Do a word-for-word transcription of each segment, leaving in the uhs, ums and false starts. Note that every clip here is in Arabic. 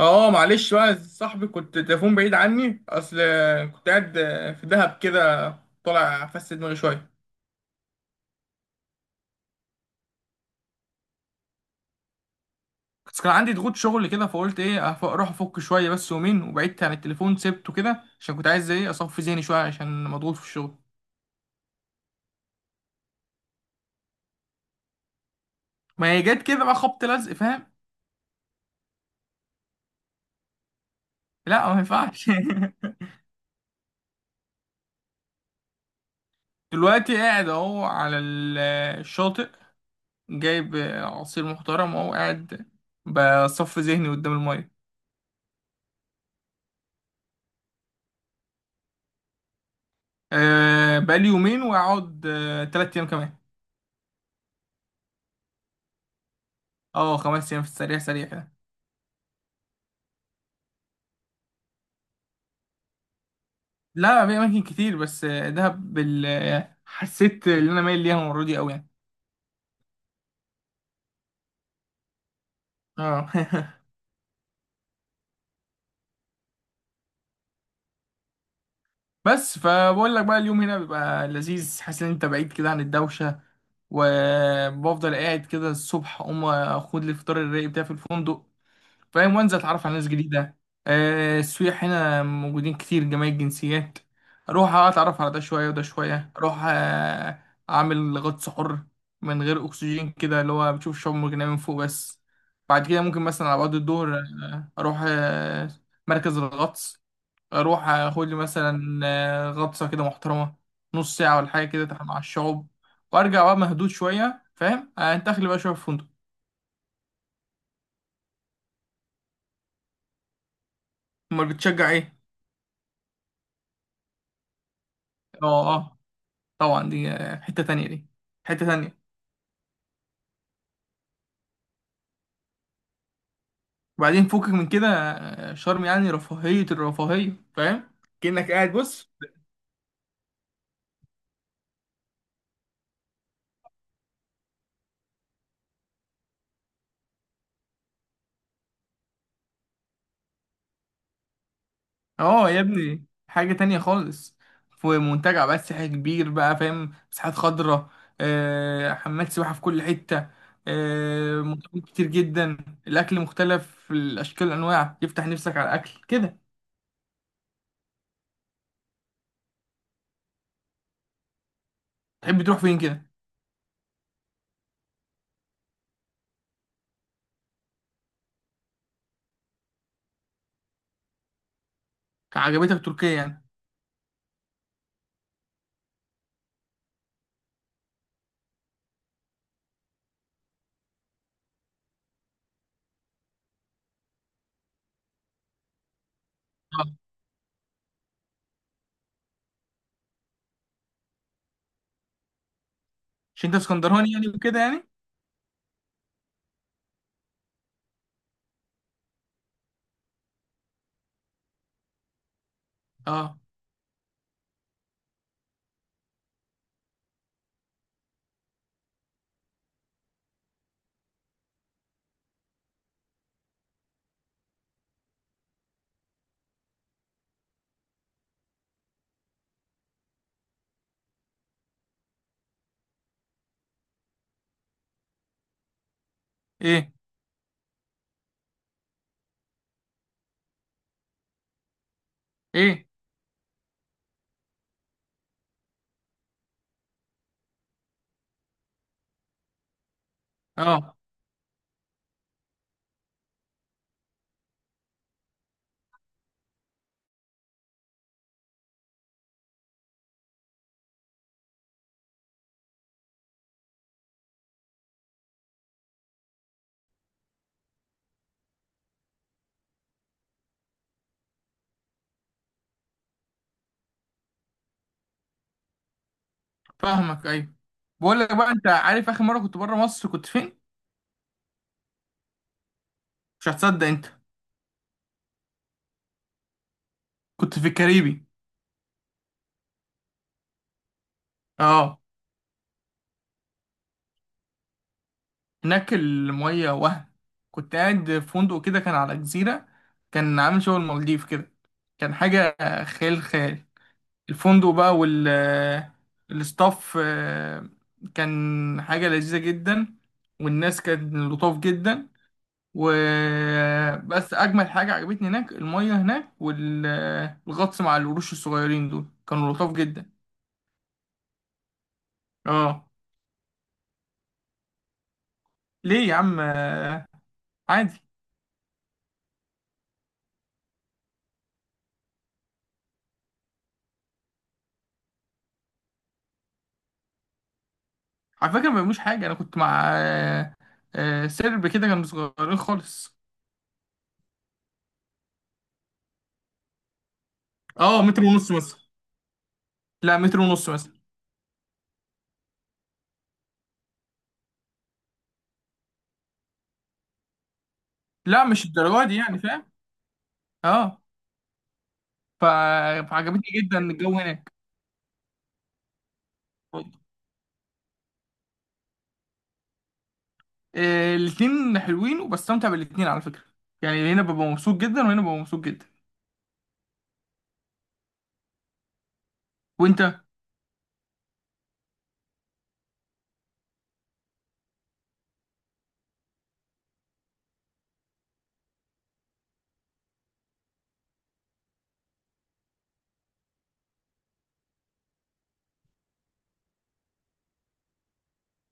اه، معلش بقى صاحبي، كنت تليفون بعيد عني، اصل كنت قاعد في دهب كده طالع افس دماغي شويه. بس كان عندي ضغوط شغل كده، فقلت ايه أف- اروح افك شويه بس يومين، وبعدت عن التليفون سبته كده عشان كنت عايز ايه اصفي ذهني شويه عشان مضغوط في الشغل. ما هي جت كده بقى خبط لزق، فاهم؟ لا، ما ينفعش. دلوقتي قاعد اهو على ال- الشاطئ، جايب عصير محترم، اهو قاعد بصفي ذهني قدام الميه. أه، بقالي يومين، واقعد أه تلات ايام كمان. اه، خمس ايام في السريع سريع كده. لا، في اماكن كتير بس دهب بال... حسيت ان انا مايل ليها المره دي قوي يعني. اه. بس فبقول لك بقى، اليوم هنا بيبقى لذيذ، حاسس ان انت بعيد كده عن الدوشه، وبفضل قاعد كده الصبح اقوم اخد لي الفطار الرايق بتاعي في الفندق، فاهم؟ وانزل اتعرف على ناس جديده. آه، السياح هنا موجودين كتير، جميع الجنسيات. اروح اتعرف على ده شويه وده شويه، اروح آه، اعمل غطس حر من غير اكسجين كده، اللي هو بتشوف الشعاب المرجانيه من فوق بس. بعد كده ممكن مثلا على بعد الظهر، آه، اروح آه، مركز الغطس، اروح اخد لي مثلا آه، غطسه كده محترمه، نص ساعه ولا حاجه كده، مع الشعوب. وارجع بقى مهدود شويه، فاهم؟ آه، انت اخلي بقى شويه في فندق. امال بتشجع ايه؟ اه، اه، طبعا دي آه، حتة تانية. دي حتة تانية. وبعدين فوقك من كده، آه، شرم يعني رفاهية الرفاهية، فاهم؟ كأنك قاعد بص. اه يا ابني، حاجة تانية خالص. في منتجع بقى سياحي كبير بقى، فاهم؟ مساحات خضراء، آه، حمامات سباحة في كل حتة، آه، مطاعم كتير جدا. الأكل مختلف الأشكال والأنواع، يفتح نفسك على الأكل كده. تحب تروح فين كده؟ عجبتك تركيا يعني؟ اه. عشان انت اسكندراني يعني وكده يعني. اه، ايه، ايه، اه. فاهمك، ايوه. بقول لك بقى، انت عارف اخر مره كنت بره مصر كنت فين؟ مش هتصدق انت. كنت في الكاريبي. اه، هناك الميه وهم. كنت قاعد في فندق كده، كان على جزيره، كان عامل شغل المالديف كده، كان حاجه خيال خيال. الفندق بقى وال الستاف، آه، كان حاجه لذيذه جدا، والناس كانت لطاف جدا. وبس اجمل حاجه عجبتني هناك الميه هناك، والغطس مع القروش الصغيرين دول، كانوا لطاف جدا. اه. ليه يا عم؟ آه، عادي، على فكره ما بيعملوش حاجه. انا كنت مع آه، آه، سرب كده، كانوا صغيرين خالص. اه، متر ونص مثلا. لا، متر ونص مثلا. لا، مش الدرجه دي يعني، فاهم؟ اه. ف- فعجبتني جدا الجو هناك. آه، الاتنين حلوين وبستمتع بالاتنين على فكره. يعني هنا ببقى مبسوط جدا، وهنا ببقى مبسوط جدا. وانت؟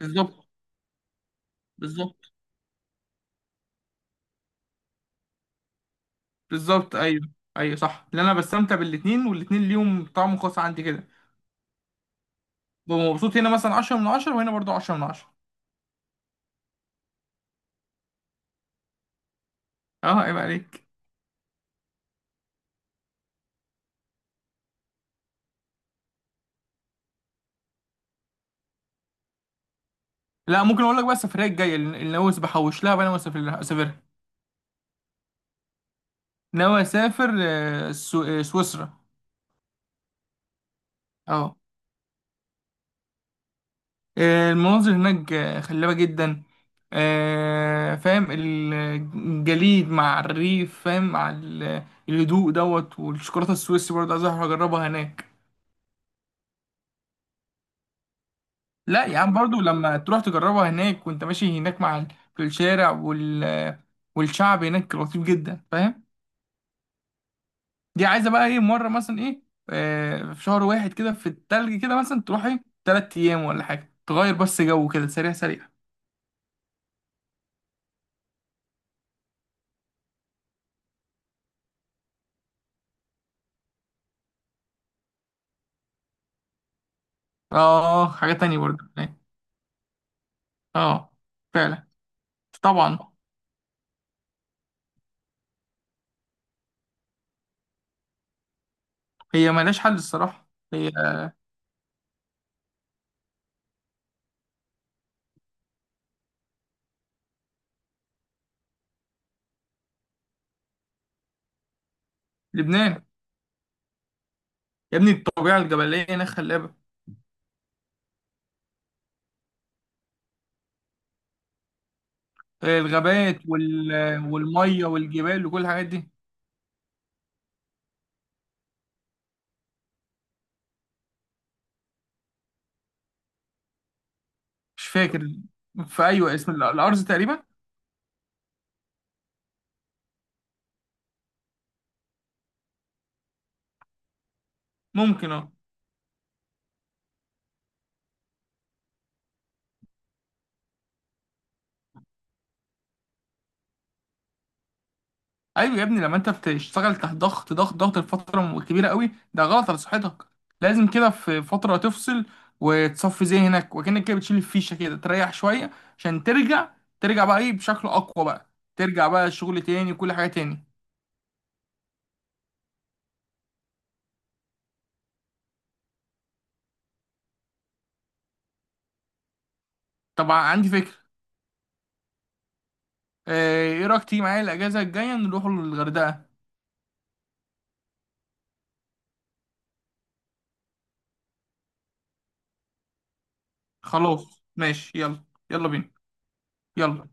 بالظبط، بالظبط. بالظبط، ايوه. ايوه صح، لان انا بستمتع بالاتنين، والاتنين ليهم طعم خاص عندي كده. ببقى مبسوط هنا مثلا عشرة من عشرة، وهنا برضو عشرة من عشرة. اه، عيب عليك. لا، ممكن اقول لك بقى، السفريه الجايه اللي اللي ناوي بحوش لها بقى، ناوي اسافر لها اسافرها. ناوي اسافر آه، السو- آه، سويسرا. اه. آه، المناظر هناك آه، خلابه جدا. آه، فاهم، الجليد مع الريف، فاهم، مع ال- الهدوء دوت، والشوكولاته السويسي برضه عايز أروح اجربها هناك. لا يا عم، برضو لما تروح تجربها هناك وانت ماشي هناك، مع ال- في الشارع وال... والشعب هناك لطيف جدا، فاهم؟ دي عايزه بقى ايه مره مثلا ايه. آه في شهر واحد كده في التلج كده، مثلا تروح ايه تلات ايام ولا حاجه، تغير بس جو كده سريع سريع. اه، حاجه تانية برضو هناك. اه، فعلا. طبعا. هي ملهاش حل الصراحه هي. لبنان. يا ابني، الطبيعه الجبليه هناك خلابه. آه، الغابات وال... والميه والجبال وكل الحاجات دي. مش فاكر. في، ايوه، اسم ال- الارز تقريبا. ممكن، اه. ايوه يا ابني، لما انت بتشتغل تحت ضغط ضغط ضغط لفتره كبيره قوي، ده غلط على صحتك. لازم كده في فتره تفصل، وتصفي ذهنك، وكأنك كده بتشيل الفيشه كده، تريح شويه عشان ترجع. ترجع بقى ايه بشكل اقوى بقى. ترجع بقى الشغل تاني وكل حاجه تاني. طبعا عندي فكره. آه، ايه رايك تيجي معايا الاجازه الجايه نروح الغردقه؟ خلاص ماشي، يلا، يلا بينا، يلا.